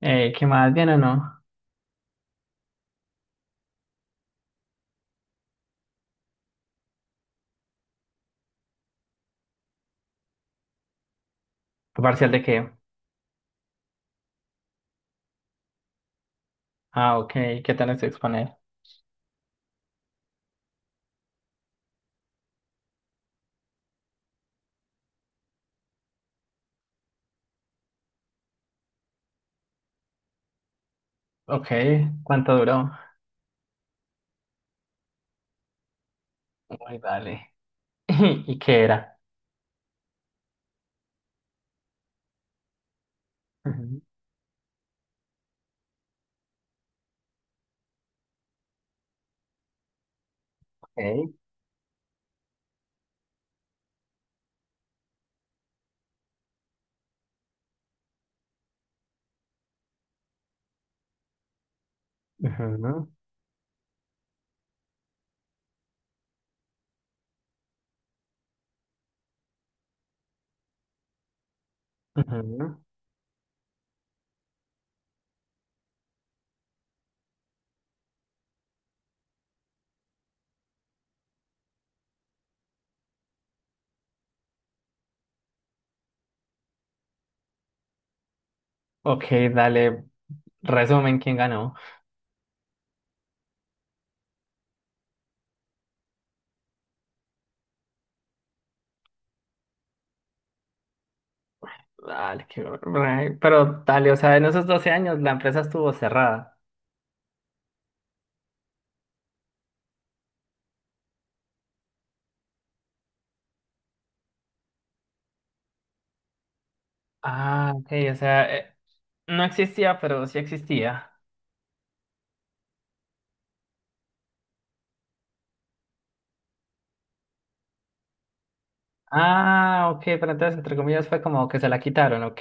¿Qué más? ¿Bien o no? ¿Tu ¿Parcial de qué? Ah, ok. ¿Qué tenés que exponer? Ok. ¿Cuánto duró? Uy, dale. ¿Y qué era? Ujú. Ok. Ujú, ujú. Ok, dale. Resumen, ¿quién ganó? Dale, pero dale, o sea, en esos 12 años la empresa estuvo cerrada. Ah, ok, o sea, no existía, pero sí existía. Ah, ok, pero entonces, entre comillas, fue como que se la quitaron, ok.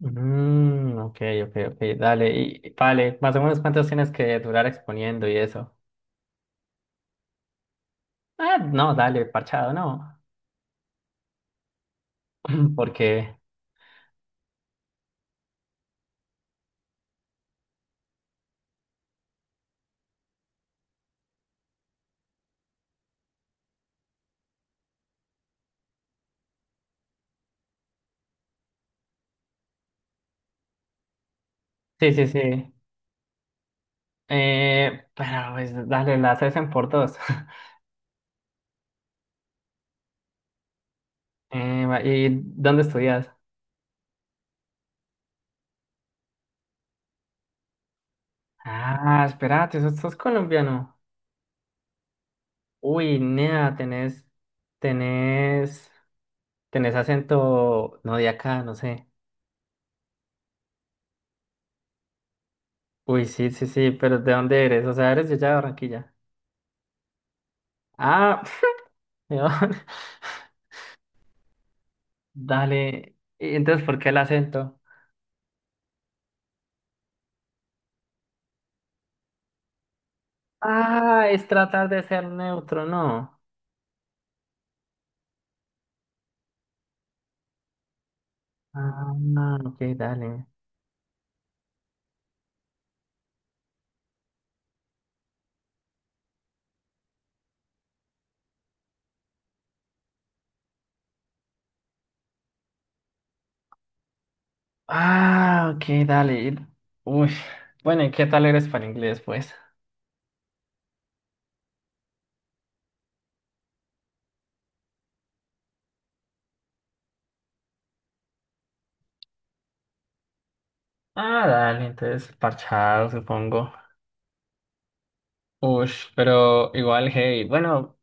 Mm, ok, ok, ok, dale, y vale, más o menos cuántos tienes que durar exponiendo y eso. Ah, no, dale, parchado, no, porque sí, sí, sí, pero pues dale, las hacen por dos. ¿Y dónde estudias? Ah, espérate, ¿sos colombiano? Uy, nea, tenés, tenés acento, no de acá, no sé. Uy, sí, sí, sí, pero ¿de dónde eres? O sea, eres de allá de Barranquilla. Ah, ¿de dónde? Dale. ¿Y entonces por qué el acento? Ah, es tratar de ser neutro, ¿no? Ah, no, ok, dale. Ah, ok, dale. Uy, bueno, ¿y qué tal eres para inglés, pues? Ah, dale, entonces parchado, supongo. Uy, pero igual, hey, bueno,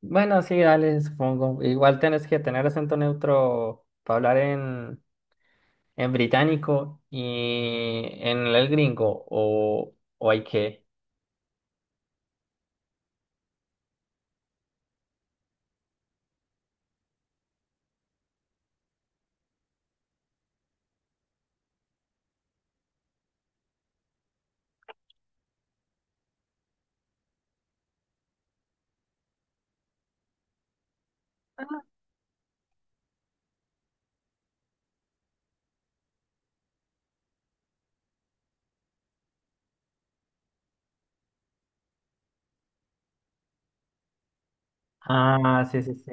bueno, sí, dale, supongo. Igual tienes que tener acento neutro para hablar en británico y en el gringo, o hay que. Ah, sí, sí, sí.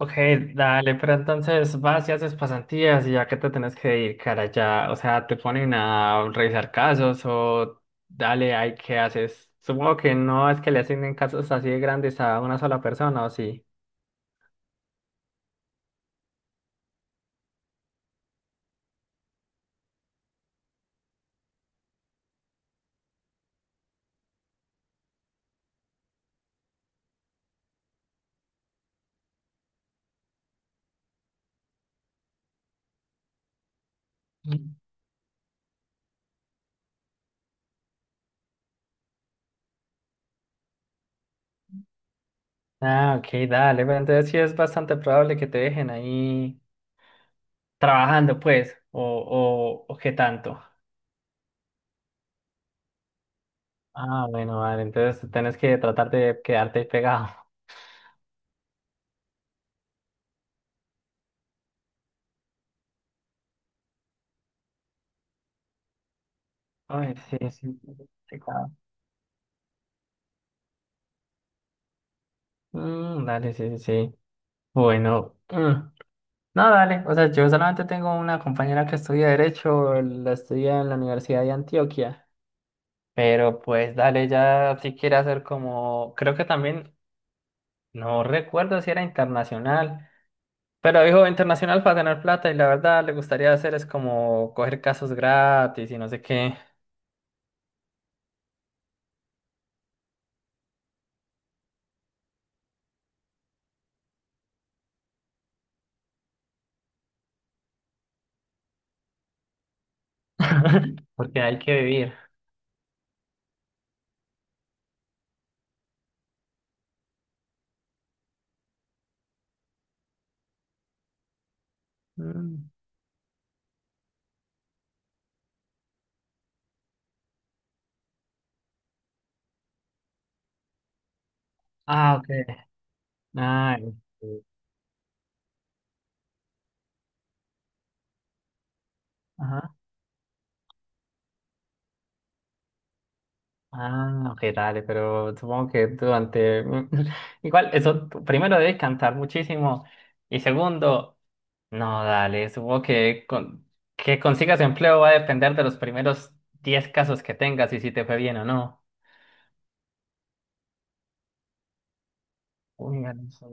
Ok, dale, pero entonces vas y haces pasantías y ya que te tenés que dedicar allá, o sea, te ponen a revisar casos o dale, ahí qué haces. Supongo que no es que le asignen casos así de grandes a una sola persona, ¿o sí? Mm. Ah, ok, dale, pero entonces sí es bastante probable que te dejen ahí trabajando, pues, o qué tanto. Ah, bueno, vale, entonces tenés que tratar de quedarte ahí pegado. Ay, sí, sí, sí, complicado. Mm, dale, sí, sí, sí. Bueno, no, no, dale. O sea, yo solamente tengo una compañera que estudia Derecho, la estudia en la Universidad de Antioquia. Pero pues dale, ya si quiere hacer como, creo que también, no recuerdo si era internacional, pero dijo internacional para ganar plata y la verdad le gustaría hacer es como coger casos gratis y no sé qué, porque hay que vivir. Mm. Ah, ok. Ah, ok. Ah, ok, dale, pero supongo que durante... Igual, eso, tú primero debes cantar muchísimo y segundo, no, dale, supongo que que consigas empleo va a depender de los primeros 10 casos que tengas y si te fue bien o no. Uy, dale, sí.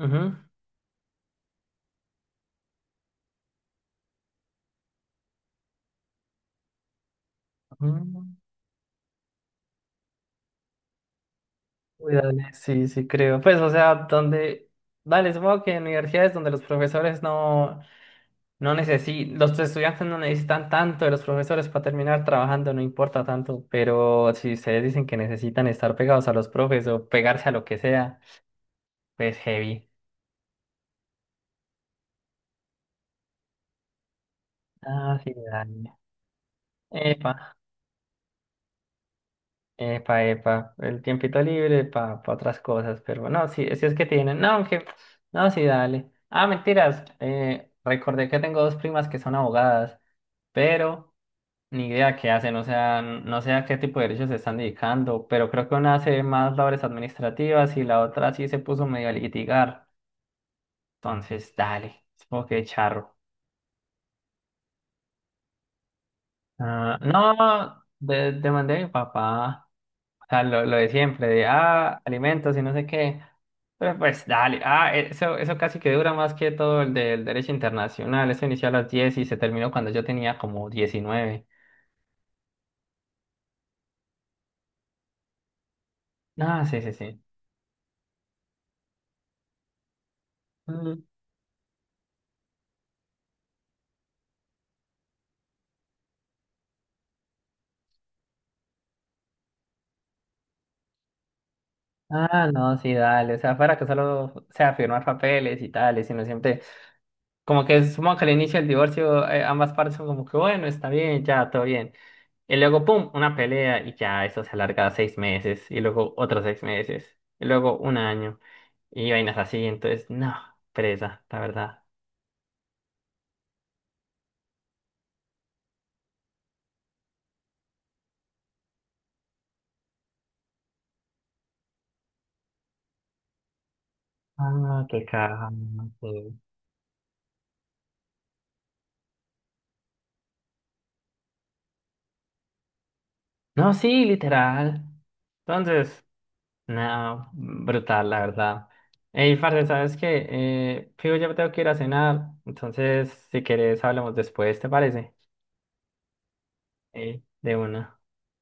Ujú, ujú. Uy, dale, sí, sí creo. Pues, o sea, donde... Dale, supongo que en universidades donde los profesores no... No necesi Los estudiantes no necesitan tanto de los profesores para terminar trabajando, no importa tanto, pero si ustedes dicen que necesitan estar pegados a los profes o pegarse a lo que sea, pues heavy. Ah, sí, dale. Epa, epa, epa, el tiempito libre para otras cosas, pero no, sí, si es que tienen, no, aunque, no, sí, dale. Ah, mentiras, recordé que tengo dos primas que son abogadas, pero... Ni idea qué hacen, o sea, no sé a qué tipo de derechos se están dedicando, pero creo que una hace más labores administrativas y la otra sí se puso medio a litigar. Entonces, dale, supongo que charro. Ah, no, demandé a mi papá, o sea, lo de siempre, de alimentos y no sé qué. Pero pues dale, eso casi que dura más que todo el del derecho internacional. Eso inició a las 10 y se terminó cuando yo tenía como 19. Ah, sí, sí, sí. Mm. Ah, no, sí, dale. O sea, fuera que solo o sea firmar papeles y tales, sino siempre. Como que supongo que al inicio del divorcio, ambas partes son como que, bueno, está bien, ya, todo bien. Y luego, pum, una pelea y ya eso se alarga a 6 meses. Y luego otros 6 meses. Y luego un año. Y vainas así. Entonces, no, presa, la verdad. Ah, qué caja. No, sí, literal. Entonces. Nada, brutal, la verdad. Ey, parce, ¿sabes qué? Fijo, ya me tengo que ir a cenar, entonces si quieres hablamos después, ¿te parece? Ey, de una.